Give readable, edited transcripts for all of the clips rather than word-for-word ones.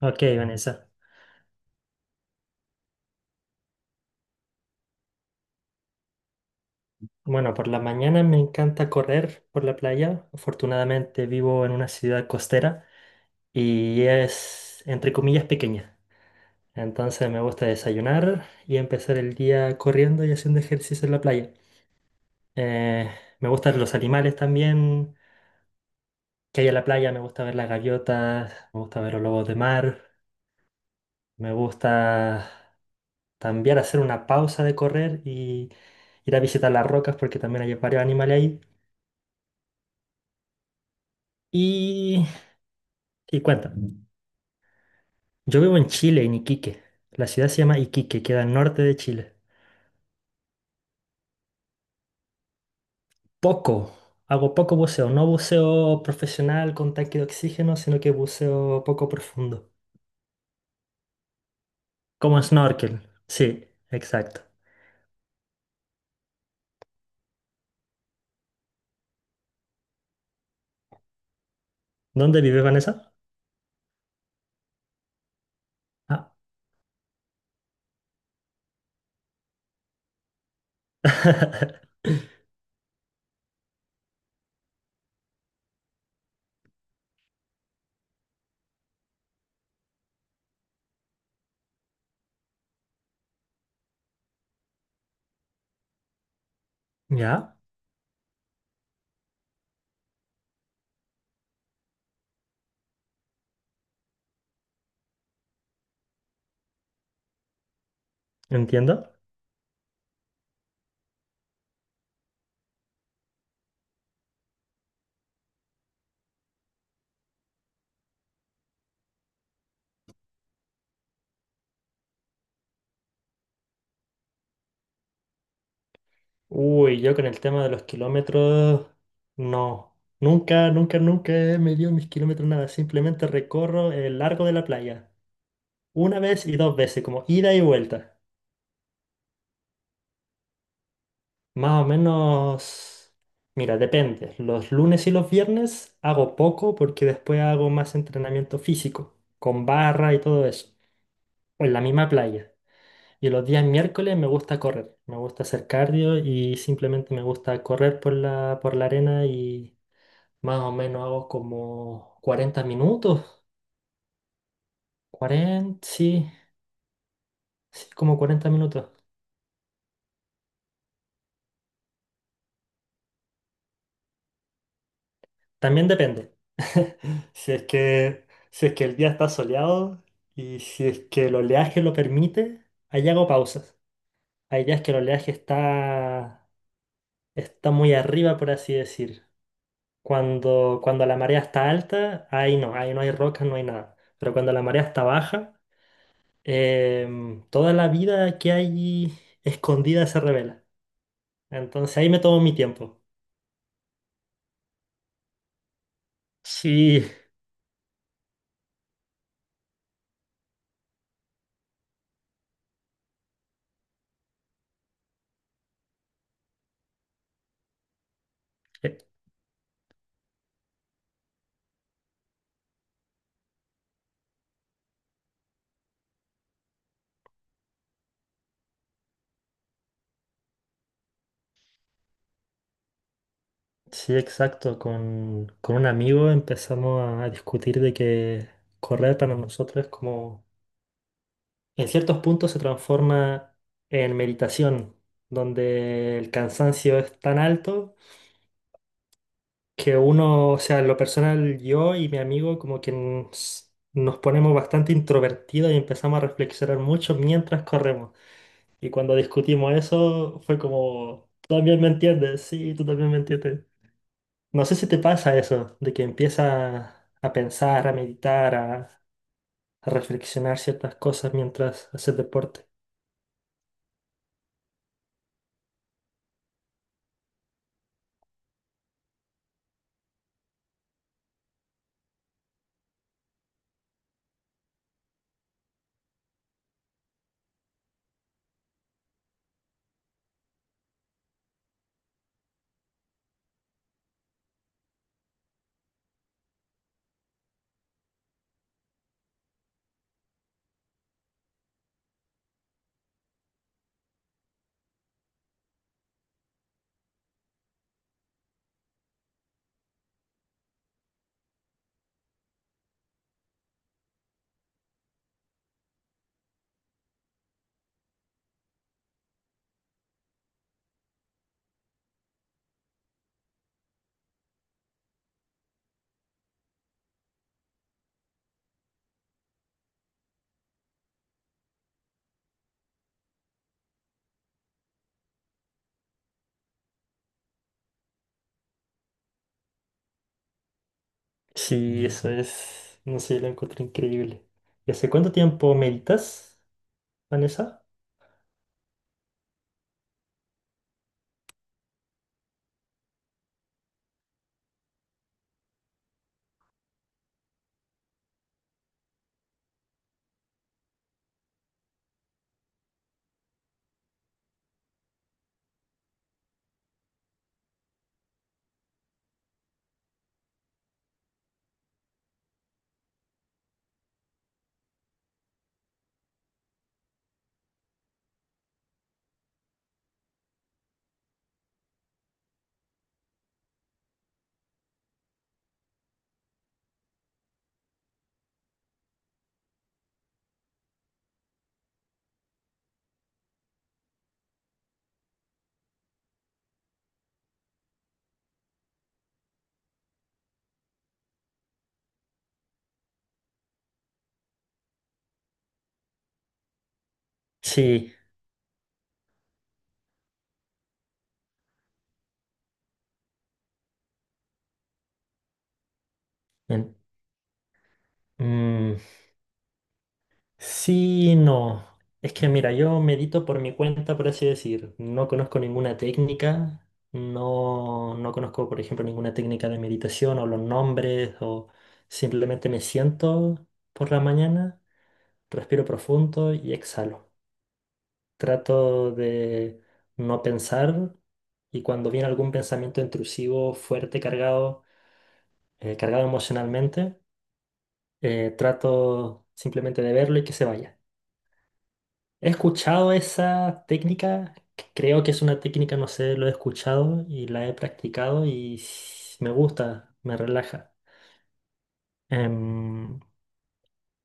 Ok, Vanessa. Bueno, por la mañana me encanta correr por la playa. Afortunadamente vivo en una ciudad costera y es, entre comillas, pequeña. Entonces me gusta desayunar y empezar el día corriendo y haciendo ejercicio en la playa. Eh, me gustan los animales también que hay en la playa. Me gusta ver las gaviotas, me gusta ver los lobos de mar. Me gusta también hacer una pausa de correr y ir a visitar las rocas porque también hay varios animales ahí. Y, y cuéntame. Yo vivo en Chile, en Iquique. La ciudad se llama Iquique, queda al norte de Chile. Poco, hago poco buceo, no buceo profesional con tanque de oxígeno, sino que buceo poco profundo. Como snorkel, sí, exacto. ¿Dónde vive Vanessa? Ah. Ya, entiendo. Uy, yo con el tema de los kilómetros, no. Nunca, nunca, nunca he medido mis kilómetros, nada. Simplemente recorro el largo de la playa. Una vez y dos veces, como ida y vuelta. Más o menos, mira, depende. Los lunes y los viernes hago poco porque después hago más entrenamiento físico, con barra y todo eso, o en la misma playa. Y los días miércoles me gusta correr, me gusta hacer cardio y simplemente me gusta correr por la arena y más o menos hago como 40 minutos, 40 sí, sí, como 40 minutos. También depende. Si es que, si es que el día está soleado y si es que el oleaje lo permite, ahí hago pausas. Hay días que el oleaje está, está muy arriba, por así decir. Cuando la marea está alta, ahí no hay rocas, no hay nada. Pero cuando la marea está baja, toda la vida que hay escondida se revela. Entonces ahí me tomo mi tiempo. Sí, sí, exacto. Con un amigo empezamos a discutir de que correr para nosotros es como, en ciertos puntos se transforma en meditación, donde el cansancio es tan alto que uno, o sea, en lo personal, yo y mi amigo como que nos ponemos bastante introvertidos y empezamos a reflexionar mucho mientras corremos. Y cuando discutimos eso, fue como, tú también me entiendes, sí, tú también me entiendes. No sé si te pasa eso, de que empiezas a pensar, a meditar, a reflexionar ciertas cosas mientras haces deporte. Sí, eso es, no sé, lo encuentro increíble. ¿Y hace cuánto tiempo meditas, Vanessa? Sí, en- mm, Sí, no. Es que mira, yo medito por mi cuenta, por así decir. No conozco ninguna técnica, no, no conozco, por ejemplo, ninguna técnica de meditación o los nombres, o simplemente me siento por la mañana, respiro profundo y exhalo. Trato de no pensar y cuando viene algún pensamiento intrusivo, fuerte, cargado, cargado emocionalmente, trato simplemente de verlo y que se vaya. He escuchado esa técnica, c- creo que es una técnica, no sé, lo he escuchado y la he practicado y s- me gusta, me relaja. Em,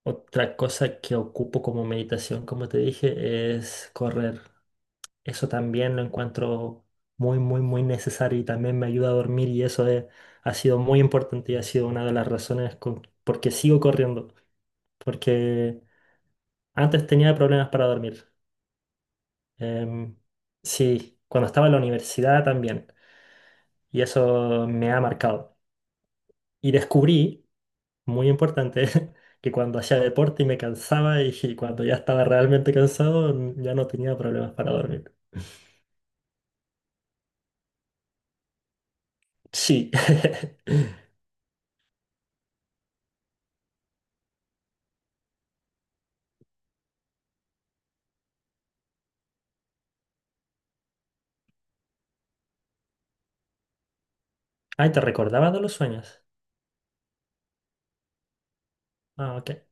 otra cosa que ocupo como meditación, como te dije, es correr. Eso también lo encuentro muy, muy, muy necesario y también me ayuda a dormir y ha sido muy importante y ha sido una de las razones por qué sigo corriendo, porque antes tenía problemas para dormir. Em, sí, cuando estaba en la universidad también. Y eso me ha marcado. Y descubrí, muy importante, que cuando hacía deporte y me cansaba y cuando ya estaba realmente cansado, n- ya no tenía problemas para dormir. Sí. Ay, ¿te recordabas de los sueños? Ah, ok.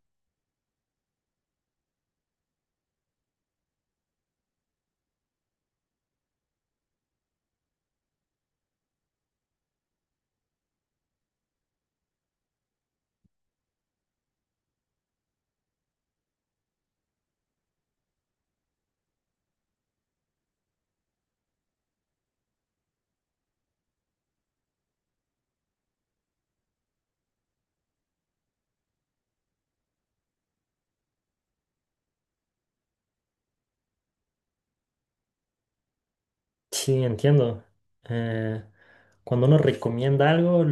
Sí, entiendo. Eh, cuando uno recomienda algo,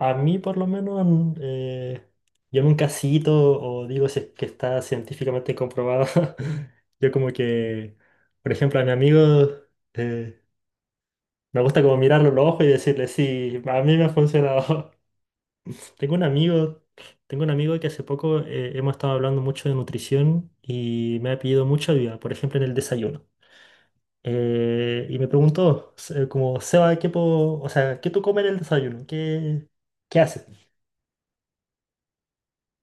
a mí por lo menos llamo un casito o digo si es que está científicamente comprobado. Yo como que, por ejemplo, a mi amigo eh, me gusta como mirarlo en los ojos y decirle, sí, a mí me ha funcionado. Tengo un amigo, tengo un amigo que hace poco hemos estado hablando mucho de nutrición y me ha pedido mucha ayuda, por ejemplo, en el desayuno. Y me preguntó, como, Seba, ¿qué puedo, o sea, qué tú comes en el desayuno? ¿Qué, qué haces?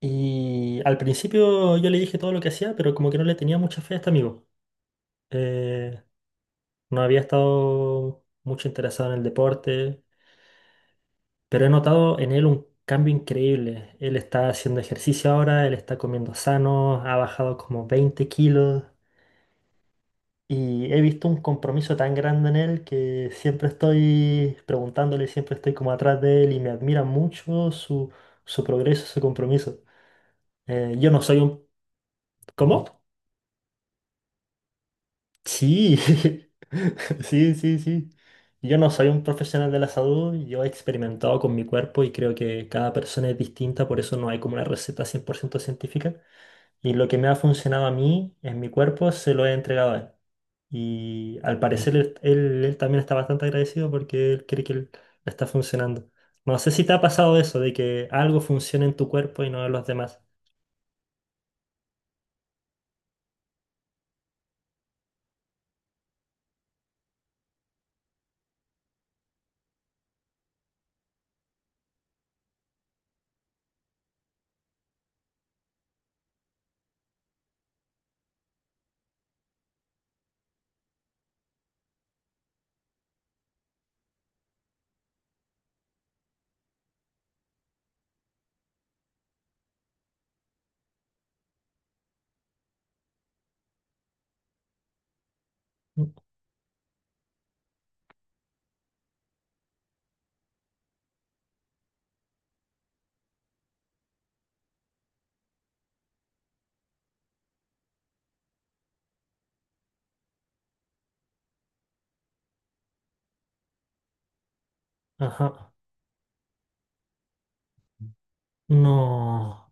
Y al principio yo le dije todo lo que hacía, pero como que no le tenía mucha fe a este amigo. Eh, no había estado mucho interesado en el deporte, pero he notado en él un cambio increíble. Él está haciendo ejercicio ahora, él está comiendo sano, ha bajado como 20 kilos y he visto un compromiso tan grande en él que siempre estoy preguntándole, siempre estoy como atrás de él y me admira mucho su progreso, su compromiso. Yo no soy un... ¿Cómo? Sí, sí, sí, sí. Yo no soy un profesional de la salud, yo he experimentado con mi cuerpo y creo que cada persona es distinta, por eso no hay como una receta 100% científica. Y lo que me ha funcionado a mí en mi cuerpo se lo he entregado a él. Y al parecer él también está bastante agradecido porque él cree que él le está funcionando. No sé si te ha pasado eso, de que algo funcione en tu cuerpo y no en los demás. Ajá. No.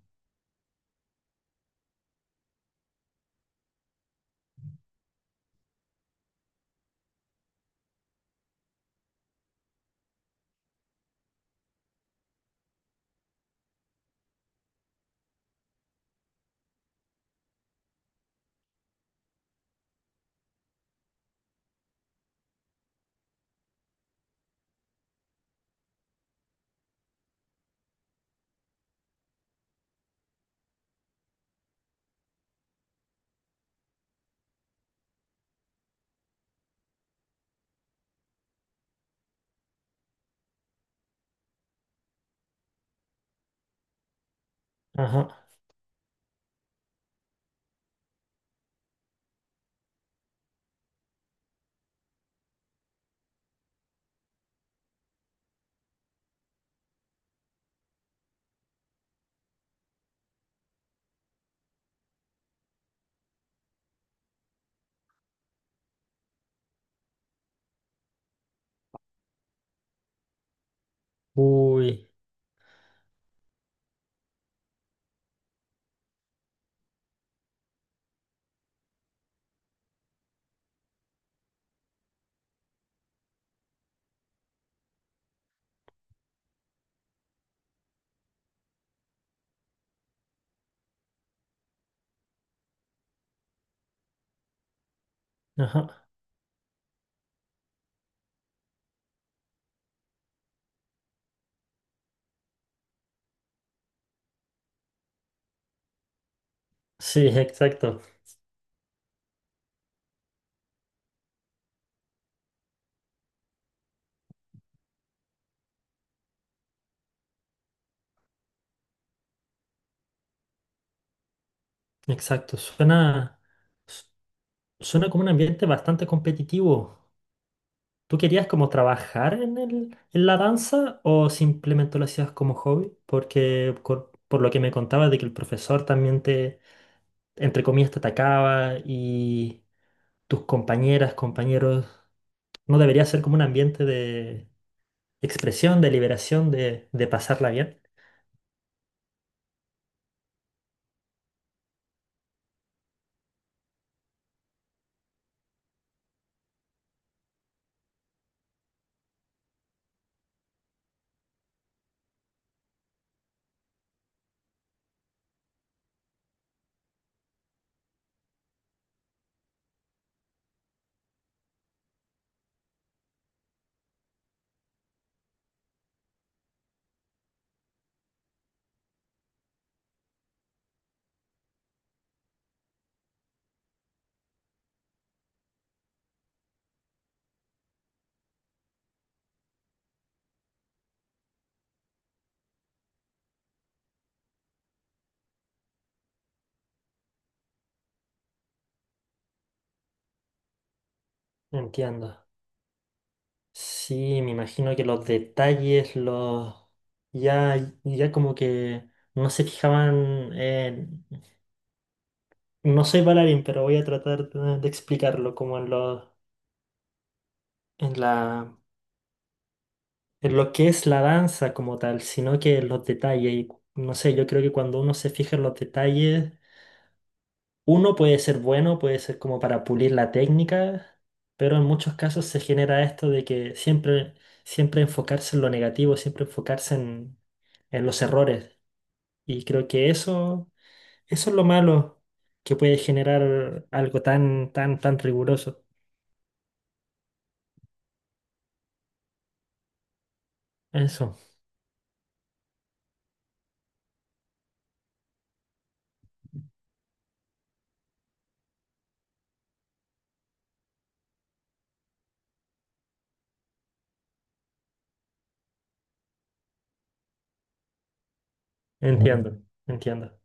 Ajá. Uy. Ajá. Sí, exacto, exacto. Suena, su- suena como un ambiente bastante competitivo. ¿Tú querías como trabajar en la danza o simplemente lo hacías como hobby? Porque lo que me contabas de que el profesor también te, entre comillas, te atacaba y tus compañeras, compañeros, ¿no debería ser como un ambiente de expresión, de liberación, de pasarla bien? Entiendo. Sí, me imagino que los detalles, ya, ya como que no se fijaban en... No soy bailarín, pero voy a tratar de explicarlo como en la, en lo que es la danza como tal, sino que en los detalles. Y no sé, yo creo que cuando uno se fija en los detalles, uno puede ser bueno, puede ser como para pulir la técnica, pero en muchos casos se genera esto de que siempre enfocarse en lo negativo, siempre enfocarse en los errores. Y creo que eso es lo malo que puede generar algo tan, tan, tan riguroso. Eso, entiendo, entiendo.